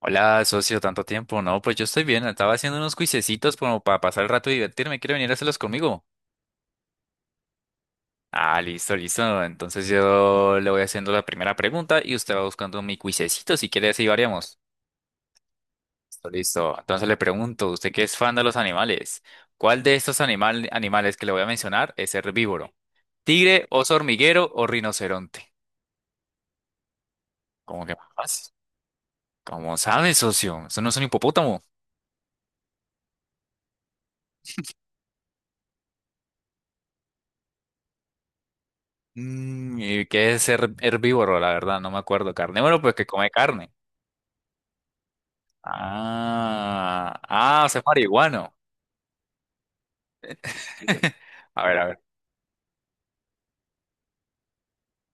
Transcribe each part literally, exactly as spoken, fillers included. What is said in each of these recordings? Hola, socio, tanto tiempo. No, pues yo estoy bien. Estaba haciendo unos cuisecitos como para pasar el rato y divertirme. ¿Quiere venir a hacerlos conmigo? Ah, listo, listo. Entonces yo le voy haciendo la primera pregunta y usted va buscando mi cuisecito. Si quiere, así variamos. Listo, listo. Entonces le pregunto, usted que es fan de los animales, ¿cuál de estos animal- animales que le voy a mencionar es herbívoro? ¿Tigre, oso hormiguero o rinoceronte? ¿Cómo que más fácil? Como sabe, socio? Eso no es un hipopótamo. Mm, ¿y qué es ser herbívoro? La verdad, no me acuerdo. Carnívoro, pues que come carne. Ah, ah, o sea, es marihuano. A ver, a ver.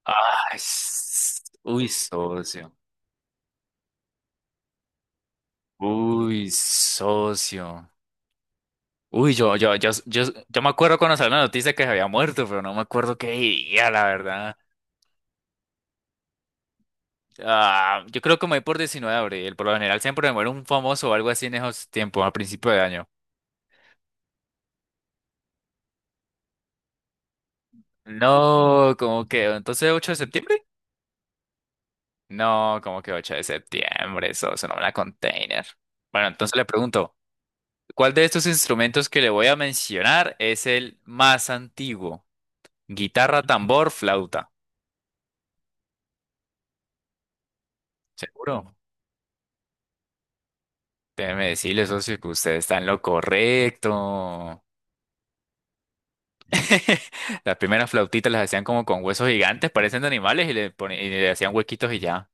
Ay, s- uy, socio. Uy, socio. Uy, yo, yo, yo, yo, yo me acuerdo cuando salió la noticia que se había muerto, pero no me acuerdo qué día, la verdad. Ah, yo creo que me voy por diecinueve de abril. Por lo general siempre me muere un famoso o algo así en esos tiempos, a principio de año. No, como que, entonces ocho de septiembre. No, como que ocho de septiembre, eso suena una container. Bueno, entonces le pregunto, ¿cuál de estos instrumentos que le voy a mencionar es el más antiguo? Guitarra, tambor, flauta. ¿Seguro? Déjeme decirle, socio, que usted está en lo correcto. Las primeras flautitas las hacían como con huesos gigantes, parecen de animales, y le, poni- y le hacían huequitos y ya.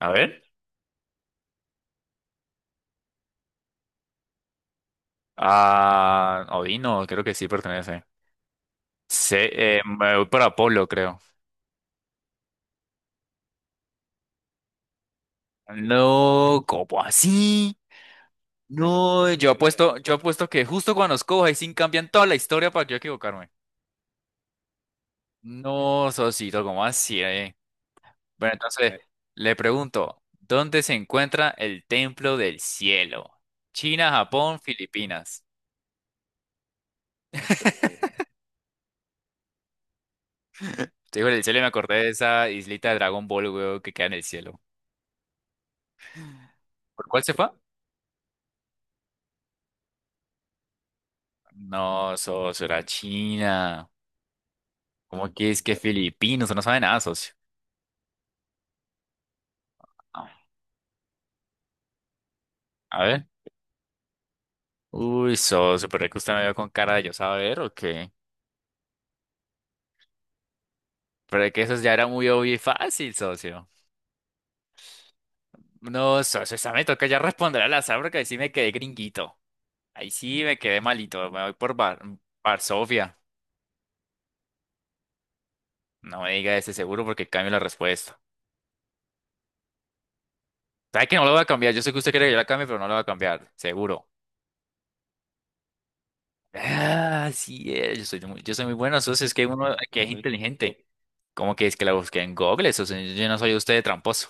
A ver. Ah, Odino, creo que sí pertenece. Se, eh, me voy por Apolo, creo. No, ¿cómo así? No, yo apuesto, yo apuesto que justo cuando nos coja y sin cambian toda la historia para que yo equivocarme. No, Sosito, ¿cómo así, eh? Bueno, entonces, le pregunto, ¿dónde se encuentra el Templo del Cielo? China, Japón, Filipinas. Te digo, el cielo y me acordé de esa islita de Dragon Ball, weón, que queda en el cielo. ¿Por cuál se fue? No, socio, era China. ¿Cómo que es que Filipinos? No sabe nada, socio. Ah, a ver. Uy, socio, pero es que usted me vio con cara de yo saber o qué. Pero es que eso ya era muy obvio y fácil, socio. No, socio, esa me toca ya responder al azar porque ahí sí me quedé gringuito. Ahí sí me quedé malito. Me voy por Bar, Bar Sofía. No me diga ese seguro porque cambio la respuesta. ¿Sabe que no lo voy a cambiar? Yo sé que usted quiere que yo la cambie, pero no la voy a cambiar. Seguro. Ah, sí es. Yo soy muy, yo soy muy bueno, socio. Es que uno que es inteligente. ¿Cómo que es que la busqué en Google, socio? Yo no soy usted de tramposo.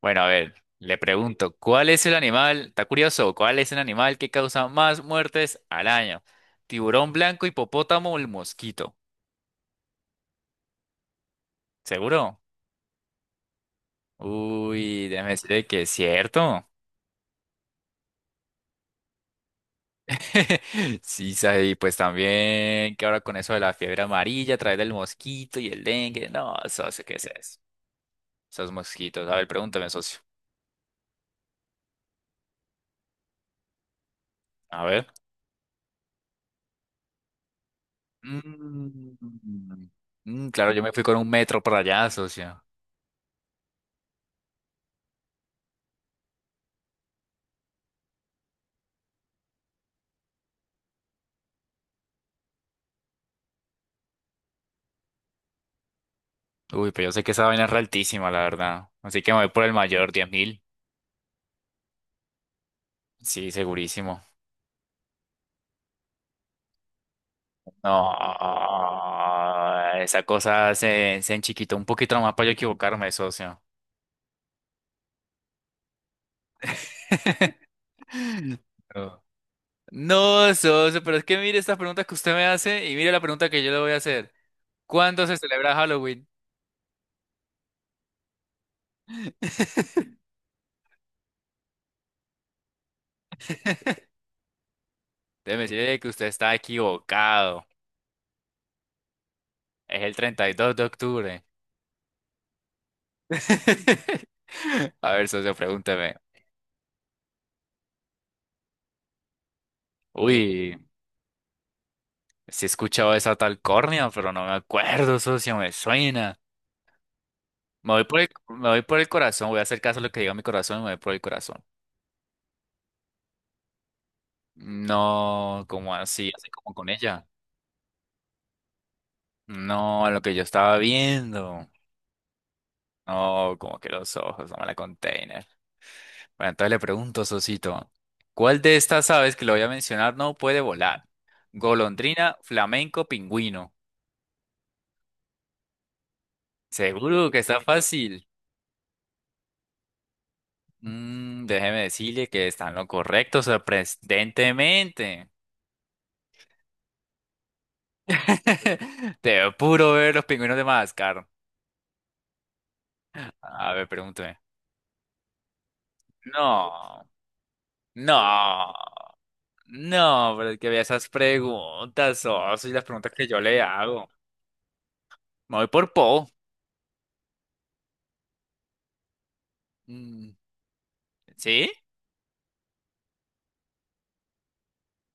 Bueno, a ver, le pregunto, ¿cuál es el animal? Está curioso, ¿cuál es el animal que causa más muertes al año? ¿Tiburón blanco, hipopótamo o el mosquito? ¿Seguro? Uy, déjame decirle que es cierto. Sí, sabe, y pues también que ahora con eso de la fiebre amarilla a través del mosquito y el dengue. No, socio, ¿qué es eso? Esos mosquitos. A ver, pregúntame, socio. A ver. Mm, mm, claro, yo me fui con un metro para allá, socio. Uy, pero yo sé que esa vaina es re altísima, la verdad. Así que me voy por el mayor, diez mil. Sí, segurísimo. No, esa cosa se, se enchiquitó un poquito nomás para yo equivocarme, socio. No, no, socio, pero es que mire estas preguntas que usted me hace y mire la pregunta que yo le voy a hacer. ¿Cuándo se celebra Halloween? Déjeme decirle que usted está equivocado. Es el treinta y dos de octubre. A ver, socio, pregúnteme. Uy. Sí he escuchado esa tal córnea, pero no me acuerdo, socio, me suena. Me voy por el, me voy por el corazón, voy a hacer caso a lo que diga mi corazón y me voy por el corazón. No, como así, así como con ella. No, lo que yo estaba viendo. No, como que los ojos, no me la container. Bueno, entonces le pregunto, Sosito, ¿cuál de estas aves que le voy a mencionar no puede volar? Golondrina, flamenco, pingüino. Seguro que está fácil. Mm, déjeme decirle que está en lo correcto, sorprendentemente. Te puro ver los pingüinos de Madagascar. A ver, pregúnteme. No, no, no, pero es que vea esas preguntas, oh, y las preguntas que yo le hago. Me voy por Po. Mm, ¿sí?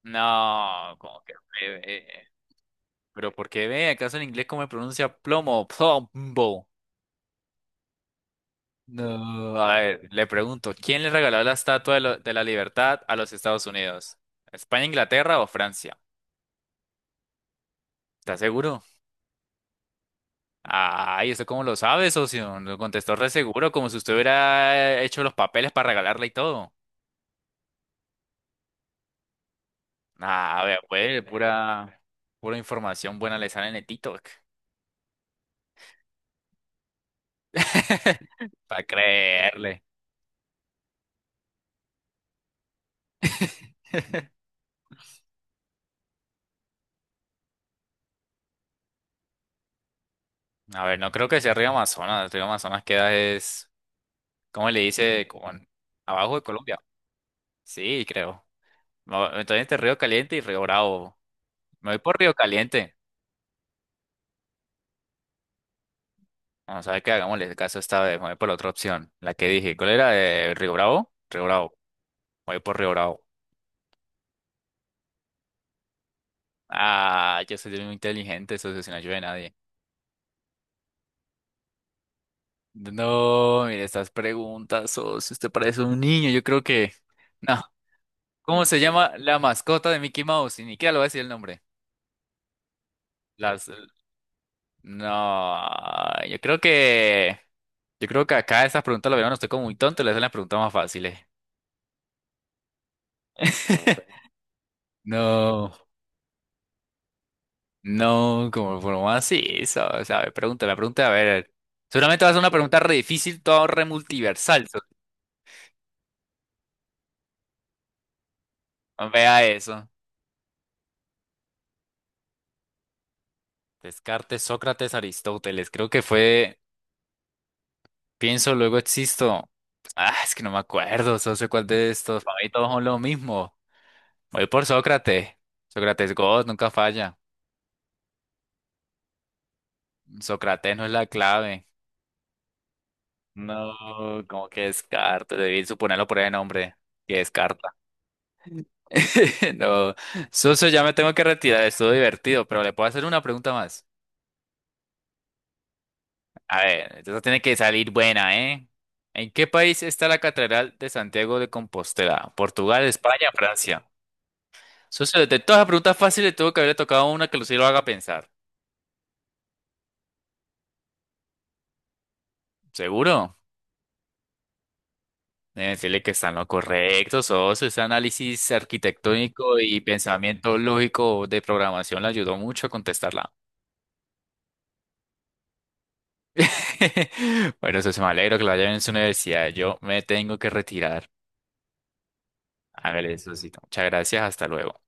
No, como que... eh, eh, pero ¿por qué ve? ¿Acaso en inglés cómo me pronuncia plomo? Plombo. No, a ver, le pregunto, ¿quién le regaló la Estatua de, lo- de la Libertad a los Estados Unidos? ¿España, Inglaterra o Francia? ¿Estás seguro? Ay, ¿eso cómo lo sabe, socio? Lo contestó re seguro, como si usted hubiera hecho los papeles para regalarla y todo. Ah, a ver, pues, pura, pura información buena le sale en el TikTok. Para creerle. A ver, no creo que sea Río Amazonas. Río Amazonas queda es, ¿cómo le dice? Como en- abajo de Colombia. Sí, creo. No, entonces entre Río Caliente y Río Bravo. Me voy por Río Caliente. Vamos a ver qué hagámosle el caso esta vez. Me voy por la otra opción. La que dije. ¿Cuál era? Eh, Río Bravo. Río Bravo. Me voy por Río Bravo. Ah, yo soy muy inteligente, socio, sin ayuda de nadie. No, mire estas preguntas, socio. Usted parece un niño. Yo creo que. No. ¿Cómo se llama la mascota de Mickey Mouse? Y ni siquiera le voy a decir el nombre. Las. No. Yo creo que. Yo creo que acá esas preguntas la vieron. Estoy como muy tonto. Le hacen las preguntas más fáciles. No, no, como por más eso, o sea, a ver, pregúntame, pregúntame, a ver. Seguramente vas a ser una pregunta re difícil, todo re multiversal. So- no, vea eso. Descartes, Sócrates, Aristóteles, creo que fue, pienso, luego existo. Ah, es que no me acuerdo, no sé cuál de estos, para mí todos son lo mismo. Voy por Sócrates. Sócrates God, nunca falla. Sócrates no es la clave. No, como que Descartes, debí suponerlo por el nombre. Que Descartes. No, Soso, ya me tengo que retirar, estuvo divertido, pero le puedo hacer una pregunta más. A ver, esta tiene que salir buena, ¿eh? ¿En qué país está la Catedral de Santiago de Compostela? ¿Portugal, España, Francia? Soso, de todas las preguntas fáciles tuvo que haberle tocado una que sí lo haga pensar. ¿Seguro? Deben decirle que están lo correcto, Soso. Ese análisis arquitectónico y pensamiento lógico de programación le ayudó mucho a contestarla. Bueno, Soso, me alegro que lo haya en su universidad. Yo me tengo que retirar. Hágale, Sosito. Muchas gracias. Hasta luego.